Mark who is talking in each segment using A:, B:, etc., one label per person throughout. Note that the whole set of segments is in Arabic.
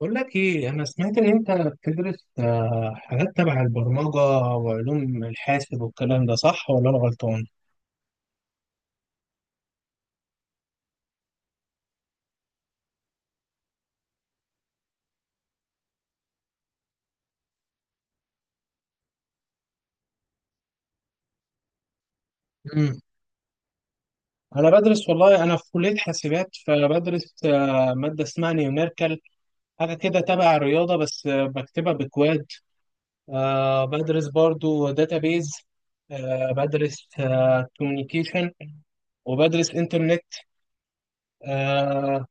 A: بقول لك ايه، انا سمعت ان انت بتدرس حاجات تبع البرمجه وعلوم الحاسب والكلام، ده صح ولا انا غلطان؟ امم انا بدرس، والله انا في كليه حاسبات، فبدرس ماده اسمها نيوميركال، حاجه كده تبع الرياضه، بس بكتبها بكواد. بدرس برضو داتابيز. بدرس كوميونيكيشن، وبدرس انترنت. آه،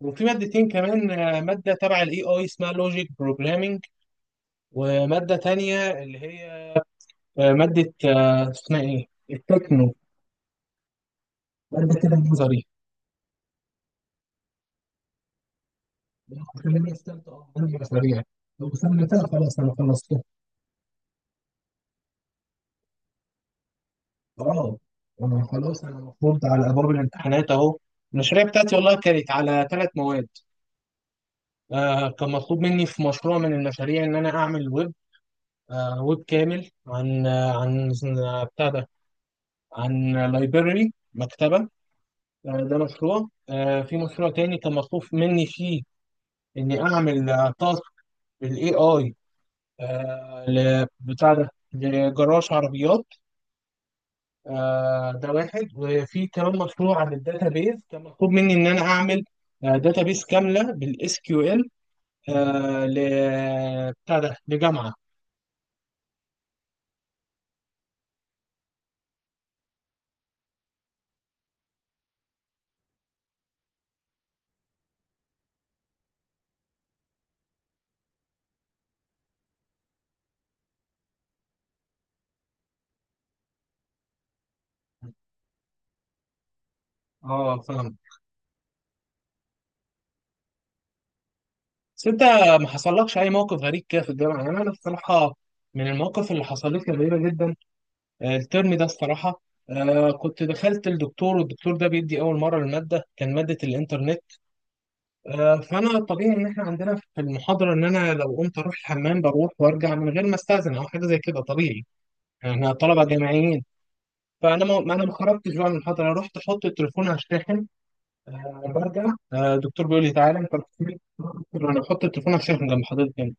A: وفي مادتين كمان، ماده تبع الاي اي اسمها لوجيك بروجرامينج، وماده تانية اللي هي مادة اسمها إيه؟ التكنو، مادة كده نظري. خلينا في تالتة. عندي مشاريع، لو سلمتها خلاص أنا خلصت. أه. أنا خلاص، أنا المفروض على أبواب الامتحانات أهو. المشاريع بتاعتي والله كانت على 3 مواد. كان مطلوب مني في مشروع من المشاريع إن أنا أعمل ويب، ويب كامل عن آه، بتاع ده عن لايبرري، مكتبة. ده مشروع. في مشروع تاني كان مطلوب مني فيه إني أعمل تاسك بالاي اي، بتاع ده لجراج عربيات، ده واحد. وفي كمان مشروع عن الداتا بيز كان مطلوب مني ان انا اعمل داتا بيز كامله بالاس كيو ال، آه، ل بتاع ده لجامعه. اه، فاهم. بس انت ما حصلكش اي موقف غريب كده في الجامعه؟ يعني انا الصراحه من المواقف اللي حصلت لي غريبه جدا، الترم ده الصراحه، كنت دخلت الدكتور، والدكتور ده بيدي اول مره، الماده كان ماده الانترنت. فانا طبيعي ان احنا عندنا في المحاضره، ان انا لو قمت اروح الحمام بروح وارجع من غير ما استاذن او حاجه زي كده، طبيعي يعني، احنا طلبه جامعيين. فانا ما ما انا ما خرجتش بقى من المحاضره، رحت احط التليفون هشتحن برجع. الدكتور بيقول لي تعالى انت رحت فين؟ قلت له انا بحط التليفون هشتحن جنب حضرتك هنا.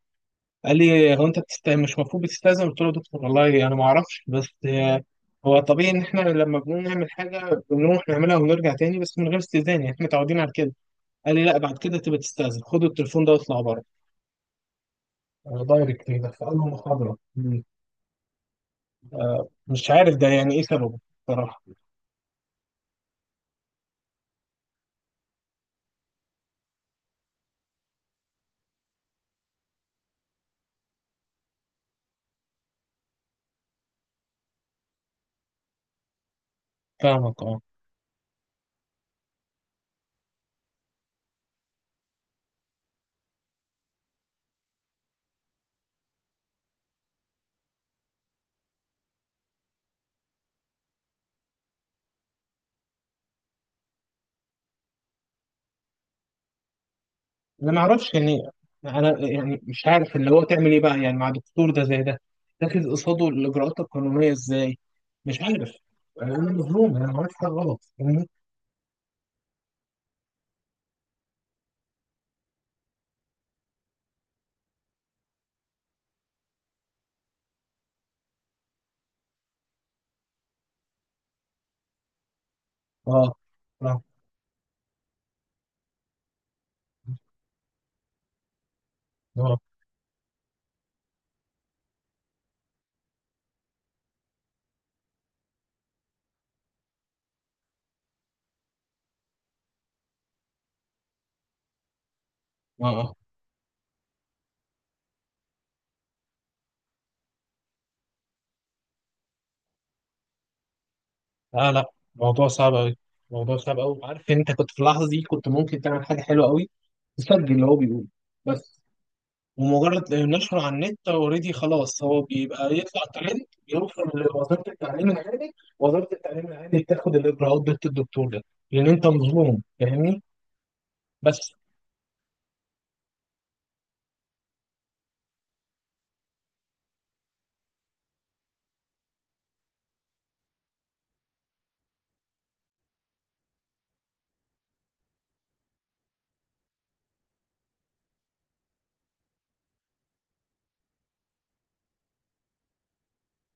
A: قال لي هو انت مش المفروض بتستاذن؟ قلت له يا دكتور والله انا ما اعرفش، بس هو طبيعي ان احنا لما بنقوم نعمل حاجه بنروح نعملها ونرجع تاني بس من غير استئذان، يعني احنا متعودين على كده. قال لي لا، بعد كده تبقى تستاذن، خد التليفون ده واطلع بره. دايركت كده في أول محاضرة. مم. مش عارف ده يعني إيه سببه، بصراحة. فاهمك. أه. أنا ما أعرفش يعني. أنا يعني مش عارف اللي هو تعمل إيه بقى يعني، مع دكتور ده زي ده تاخد قصاده الإجراءات القانونية إزاي؟ مش عارف. أنا مظلوم، أنا عملت حاجة غلط؟ فاهمني. أه. أه. اه. اه. لا لا، موضوع صعب قوي، موضوع صعب قوي. عارف إن انت كنت في اللحظه دي كنت ممكن تعمل حاجه حلوه قوي، تسجل اللي هو بيقوله، بس ومجرد نشره على النت اوريدي، خلاص هو بيبقى يطلع ترند، بيوصل لوزاره التعليم العالي، وزاره التعليم العالي بتاخد الاجراءات ضد الدكتور ده، لان انت مظلوم، فاهمني. بس.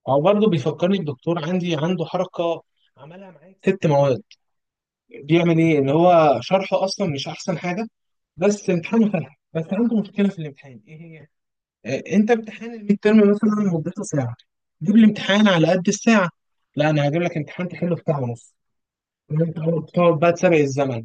A: او برضه بيفكرني الدكتور عندي، عنده حركه عملها معايا في 6 مواد، بيعمل ايه ان هو شرحه اصلا مش احسن حاجه، بس امتحانه فلح، بس عنده مشكله في الامتحان، ايه هي؟ انت امتحان الميد ترم مثلا مدته ساعه، جيب لي امتحان على قد الساعه، لا انا هجيب لك امتحان تحله في ساعه ونص، إن أنت بتقعد بقى تسابق الزمن.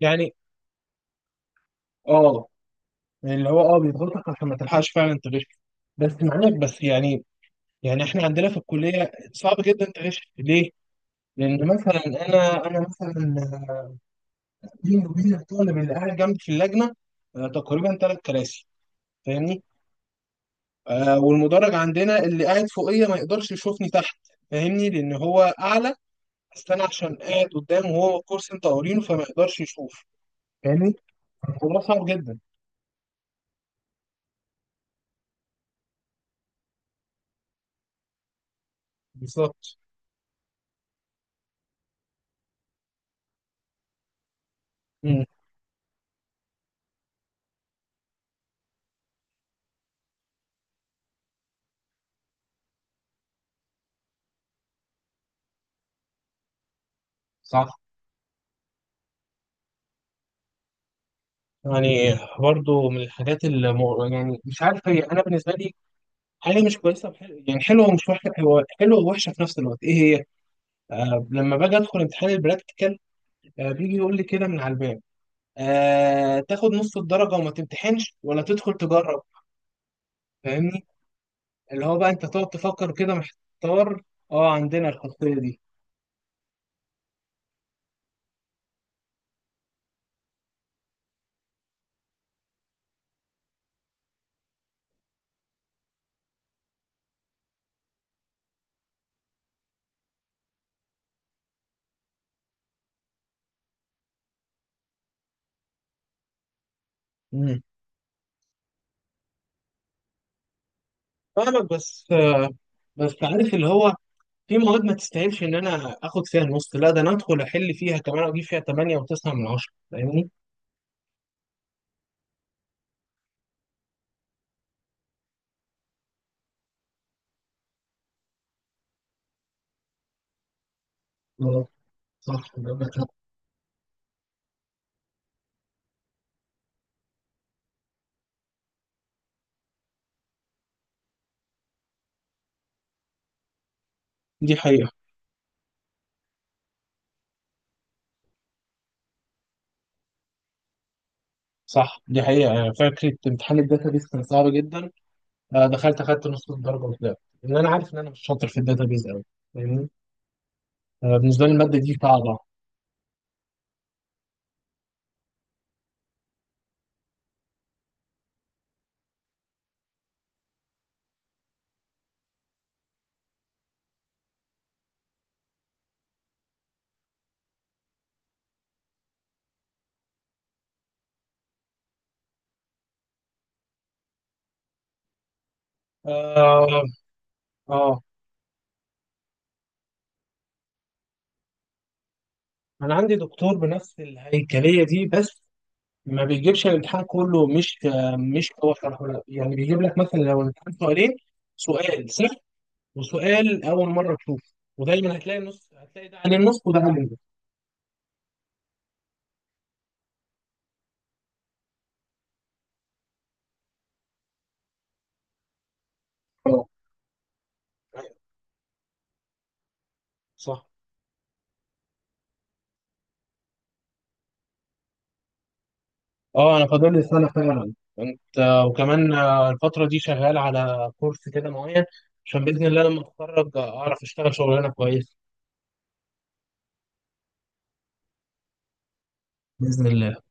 A: يعني. اه. يعني اللي هو بيضغطك عشان ما تلحقش فعلا تغش، بس معاك بس يعني. يعني احنا عندنا في الكليه صعب جدا تغش، ليه؟ لان مثلا انا مثلا، بيني وبين الطالب اللي قاعد جنبي في اللجنه تقريبا 3 كراسي، فاهمني؟ والمدرج عندنا اللي قاعد فوقيه ما يقدرش يشوفني تحت، فاهمني؟ لان هو اعلى، بس انا عشان قاعد قدامه وهو الكرسي انت قارينه، فما يقدرش يشوف، فاهمني؟ الموضوع صعب جدا. بالظبط. صح. يعني برضو من الحاجات اللي يعني مش عارف هي، انا بالنسبه لي حاجه مش كويسه يعني حلوه ومش وحشه، هو حلوه ووحشه في نفس الوقت، ايه هي؟ لما باجي ادخل امتحان البراكتيكال، بيجي يقول لي كده من على الباب، تاخد نص الدرجه وما تمتحنش ولا تدخل تجرب، فاهمني. اللي هو بقى انت تقعد تفكر كده محتار. اه، عندنا الخاصيه دي. مم. فاهمك، بس عارف اللي هو في مواد ما تستاهلش ان انا اخد فيها النص، لا ده انا ادخل احل فيها كمان واجيب فيها 8 و9 من 10، فاهمني؟ اه صح، عندك حق. دي حقيقة. صح، دي حقيقة. يعني فكرة امتحان الداتابيز كان صعب جدا، دخلت أخدت نص الدرجة وطلعت، لأن أنا عارف إن أنا مش شاطر في الداتابيز أوي، فاهمني. بالنسبة لي المادة دي صعبة. آه. آه. أنا عندي دكتور بنفس الهيكلية دي، بس ما بيجيبش الامتحان كله، مش هو شرحه، لا يعني بيجيب لك مثلا لو الامتحان سؤالين، سؤال، وسؤال اول مره تشوفه، ودايما هتلاقي النص هتلاقي، ده عن النص وده عن النص. اه صح. اه، انا فاضل لي سنه فعلا. انت. وكمان الفتره دي شغال على كورس كده معين، عشان باذن الله لما اتخرج اعرف اشتغل شغلانه كويسه. باذن الله.